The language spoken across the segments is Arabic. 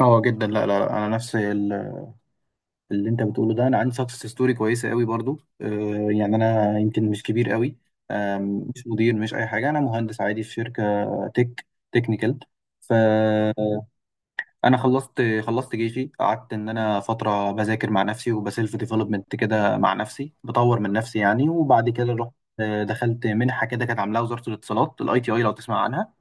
اه جدا لا لا لا، انا نفس اللي انت بتقوله ده. انا عندي سكسس ستوري كويسه قوي برضو. يعني انا يمكن مش كبير قوي. مش مدير مش اي حاجه. انا مهندس عادي في شركه تك تكنيكال. فانا خلصت جيشي. قعدت ان انا فتره بذاكر مع نفسي وبسيلف ديفلوبمنت كده مع نفسي، بطور من نفسي يعني. وبعد كده رحت دخلت منحه كده كانت عاملاها وزاره الاتصالات، ITI، لو تسمع عنها.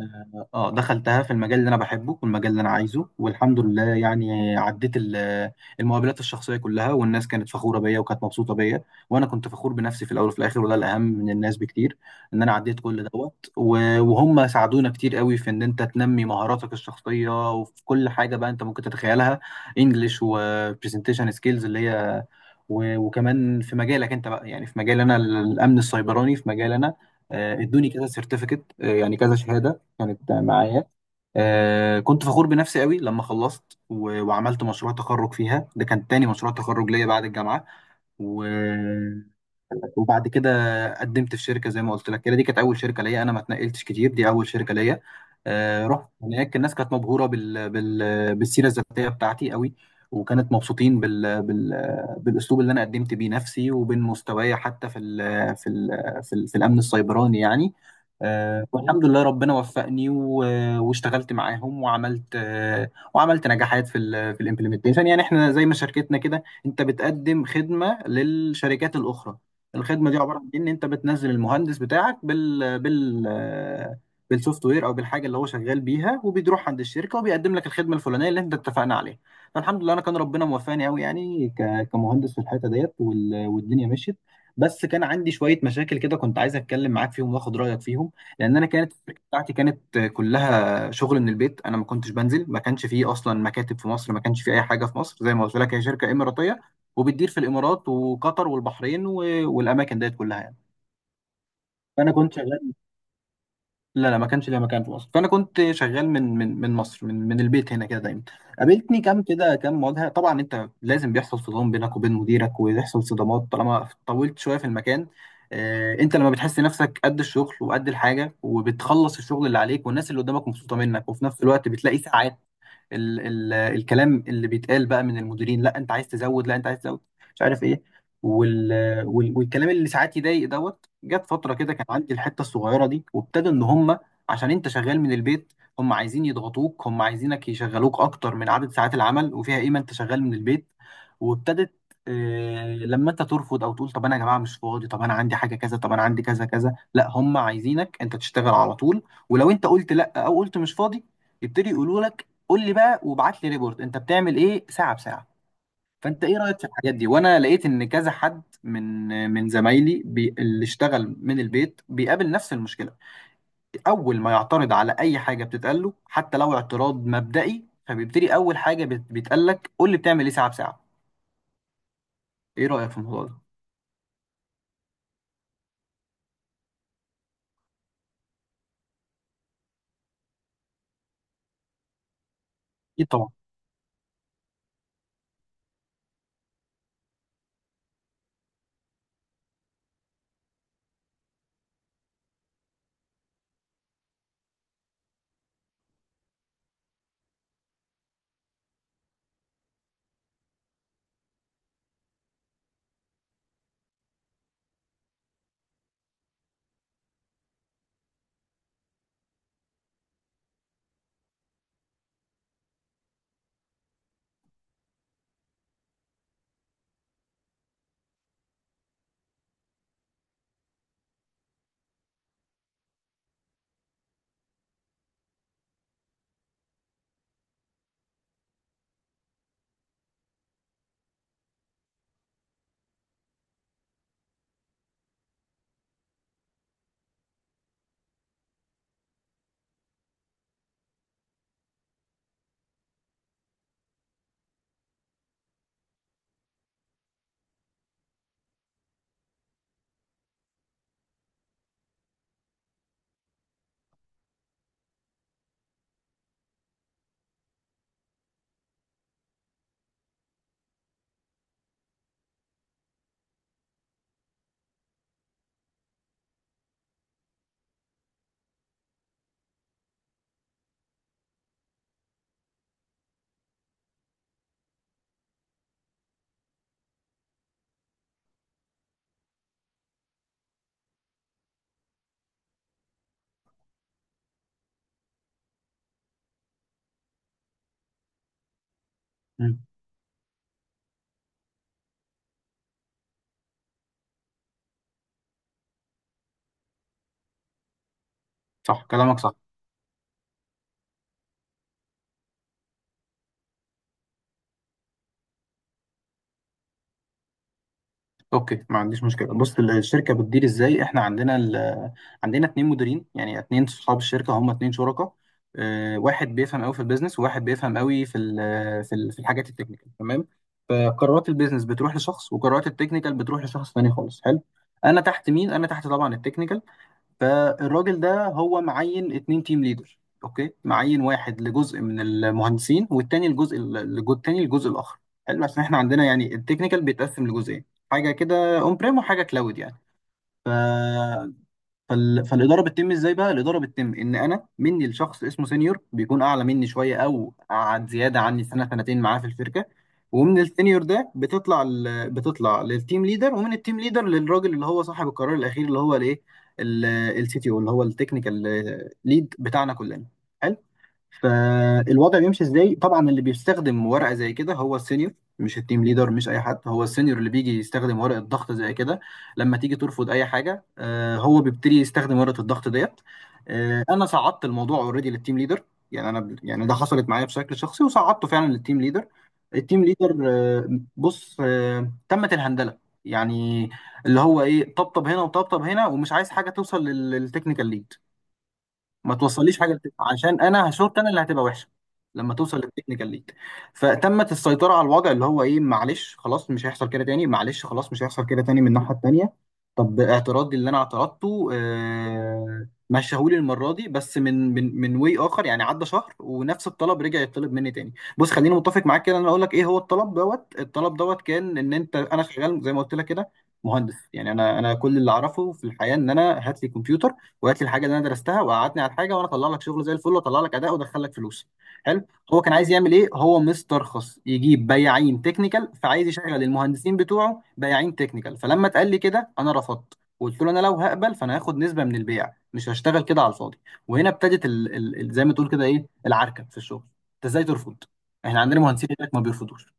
اه دخلتها في المجال اللي انا بحبه والمجال اللي انا عايزه. والحمد لله يعني عديت المقابلات الشخصيه كلها، والناس كانت فخوره بيا وكانت مبسوطه بيا. وانا كنت فخور بنفسي في الاول وفي الاخر، وده الاهم من الناس بكتير. ان انا عديت كل دوت، و- وهم ساعدونا كتير قوي في ان انت تنمي مهاراتك الشخصيه وفي كل حاجه بقى انت ممكن تتخيلها، انجلش وبرزنتيشن سكيلز اللي هي. و- وكمان في مجالك انت بقى، يعني في مجال انا الامن السيبراني، في مجال انا ادوني كذا سيرتيفيكت، يعني كذا شهاده كانت معايا. آه كنت فخور بنفسي قوي لما خلصت و... وعملت مشروع تخرج فيها. ده كان تاني مشروع تخرج ليا بعد الجامعة. و... لك. وبعد كده قدمت في شركه زي ما قلت لك كده. دي كانت اول شركه ليا، انا ما اتنقلتش كتير، دي اول شركه ليا. رحت هناك، الناس كانت مبهوره بالسيره الذاتيه بتاعتي قوي. وكانت مبسوطين بالاسلوب اللي انا قدمت بيه نفسي، وبين مستواي حتى في الامن السيبراني يعني. والحمد لله ربنا وفقني واشتغلت معاهم، وعملت نجاحات في الامبلمنتيشن. يعني احنا زي ما شركتنا كده، انت بتقدم خدمه للشركات الاخرى. الخدمه دي عباره عن إيه؟ ان انت بتنزل المهندس بتاعك بالسوفت وير او بالحاجه اللي هو شغال بيها، وبيروح عند الشركه وبيقدم لك الخدمه الفلانيه اللي انت اتفقنا عليها. فالحمد لله انا كان ربنا موفقني قوي يعني كمهندس في الحته ديت، وال- والدنيا مشيت. بس كان عندي شويه مشاكل كده، كنت عايز اتكلم معاك فيهم واخد رايك فيهم. لان انا كانت الشركه بتاعتي كانت كلها شغل من البيت. انا ما كنتش بنزل، ما كانش فيه اصلا مكاتب في مصر، ما كانش فيه اي حاجه في مصر زي ما قلت لك. هي شركه اماراتيه، وبتدير في الامارات وقطر والبحرين و- والاماكن ديت كلها يعني. فانا كنت شغال، لا لا ما كانش ليا مكان في مصر. فانا كنت شغال من مصر، من من البيت هنا كده دايما. قابلتني كام كده، كام مواجهه. طبعا انت لازم بيحصل صدام بينك وبين مديرك، ويحصل صدامات طالما طولت شويه في المكان. انت لما بتحس نفسك قد الشغل وقد الحاجه، وبتخلص الشغل اللي عليك، والناس اللي قدامك مبسوطه منك، وفي نفس الوقت بتلاقي ساعات ال ال الكلام اللي بيتقال بقى من المديرين، لا انت عايز تزود، لا انت عايز تزود، مش عارف ايه، وال وال- والكلام اللي ساعات يضايق دوت. جت فتره كده كان عندي الحته الصغيره دي، وابتدى ان هم، عشان انت شغال من البيت، هم عايزين يضغطوك، هم عايزينك يشغلوك اكتر من عدد ساعات العمل. وفيها قيمه انت شغال من البيت. وابتدت لما انت ترفض او تقول طب انا يا جماعه مش فاضي، طب انا عندي حاجه كذا، طب انا عندي كذا كذا، لا هم عايزينك انت تشتغل على طول. ولو انت قلت لا او قلت مش فاضي، يبتدي يقولوا لك قول لي بقى وابعت لي ريبورت انت بتعمل ايه ساعه بساعه. فانت ايه رايك في الحاجات دي؟ وانا لقيت ان كذا حد من من زمايلي بي اللي اشتغل من البيت بيقابل نفس المشكله. اول ما يعترض على اي حاجه بتتقال له، حتى لو اعتراض مبدئي، فبيبتدي اول حاجه بيتقال لك قول لي بتعمل ايه ساعه بساعه. ايه رايك في الموضوع ده؟ اكيد طبعا. مم. صح كلامك صح. اوكي ما عنديش مشكله. بص الشركه بتدير ازاي؟ احنا عندنا عندنا 2 مديرين، يعني 2 صحاب الشركه، هم 2 شركاء. اه، واحد بيفهم قوي في البيزنس، وواحد بيفهم قوي في الحاجات التكنيكال، تمام. فقرارات البيزنس بتروح لشخص، وقرارات التكنيكال بتروح لشخص تاني خالص. حلو. انا تحت مين؟ انا تحت طبعا التكنيكال. فالراجل ده هو معين 2 تيم ليدر، اوكي، معين واحد لجزء من المهندسين، والتاني الجزء التاني الجزء الاخر. حلو، عشان احنا عندنا يعني التكنيكال بيتقسم لجزئين، حاجه كده اون بريم وحاجه كلاود يعني. ف فالاداره بتتم ازاي بقى؟ الاداره بتتم ان انا مني لشخص اسمه سينيور، بيكون اعلى مني شويه او قعد زياده عني سنة سنتين معاه في الشركه. ومن السينيور ده بتطلع للتيم ليدر، ومن التيم ليدر للراجل اللي هو صاحب القرار الاخير، اللي هو الايه، CTO، اللي هو التكنيكال ليد بتاعنا كلنا. حلو؟ فالوضع بيمشي ازاي؟ طبعا اللي بيستخدم ورقه زي كده هو السينيور، مش التيم ليدر، مش اي حد، هو السينيور اللي بيجي يستخدم ورقه ضغط زي كده. لما تيجي ترفض اي حاجه، هو بيبتدي يستخدم ورقه الضغط ديت. انا صعدت الموضوع اوريدي للتيم ليدر. يعني انا، يعني ده حصلت معايا بشكل شخصي وصعدته فعلا للتيم ليدر. التيم ليدر بص، تمت الهندله، يعني اللي هو ايه، طبطب هنا وطبطب هنا، ومش عايز حاجه توصل للتكنيكال ليد. ما توصليش حاجه عشان انا هشوط، انا اللي هتبقى وحشه لما توصل للتكنيكال ليك. فتمت السيطره على الوضع، اللي هو ايه، معلش خلاص مش هيحصل كده تاني، معلش خلاص مش هيحصل كده تاني. من الناحيه التانيه، طب اعتراضي اللي انا اعترضته آه مشاهولي المره دي. بس من واي اخر، يعني عدى شهر ونفس الطلب رجع يطلب مني تاني. بص خليني متفق معاك كده، انا اقول لك ايه هو الطلب دوت. الطلب دوت كان ان انت، انا شغال زي ما قلت لك كده مهندس، يعني انا كل اللي اعرفه في الحياه ان انا هات لي كمبيوتر، وهات لي الحاجه اللي انا درستها، وقعدني على الحاجه وانا اطلع لك شغل زي الفل، واطلع لك اداء، وادخل لك فلوس. حلو. هو كان عايز يعمل ايه؟ هو مسترخص يجيب بياعين تكنيكال، فعايز يشغل المهندسين بتوعه بياعين تكنيكال. فلما اتقال لي كده انا رفضت، وقلت له انا لو هقبل فانا هاخد نسبه من البيع، مش هشتغل كده على الفاضي. وهنا ابتدت زي ما تقول كده ايه العركه في الشغل. انت ازاي ترفض؟ احنا عندنا مهندسين هناك ما بيرفضوش.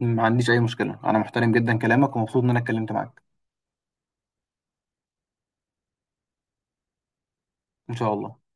ما عنديش اي مشكله، انا محترم جدا كلامك ومبسوط ان انا اتكلمت معاك، ان شاء الله.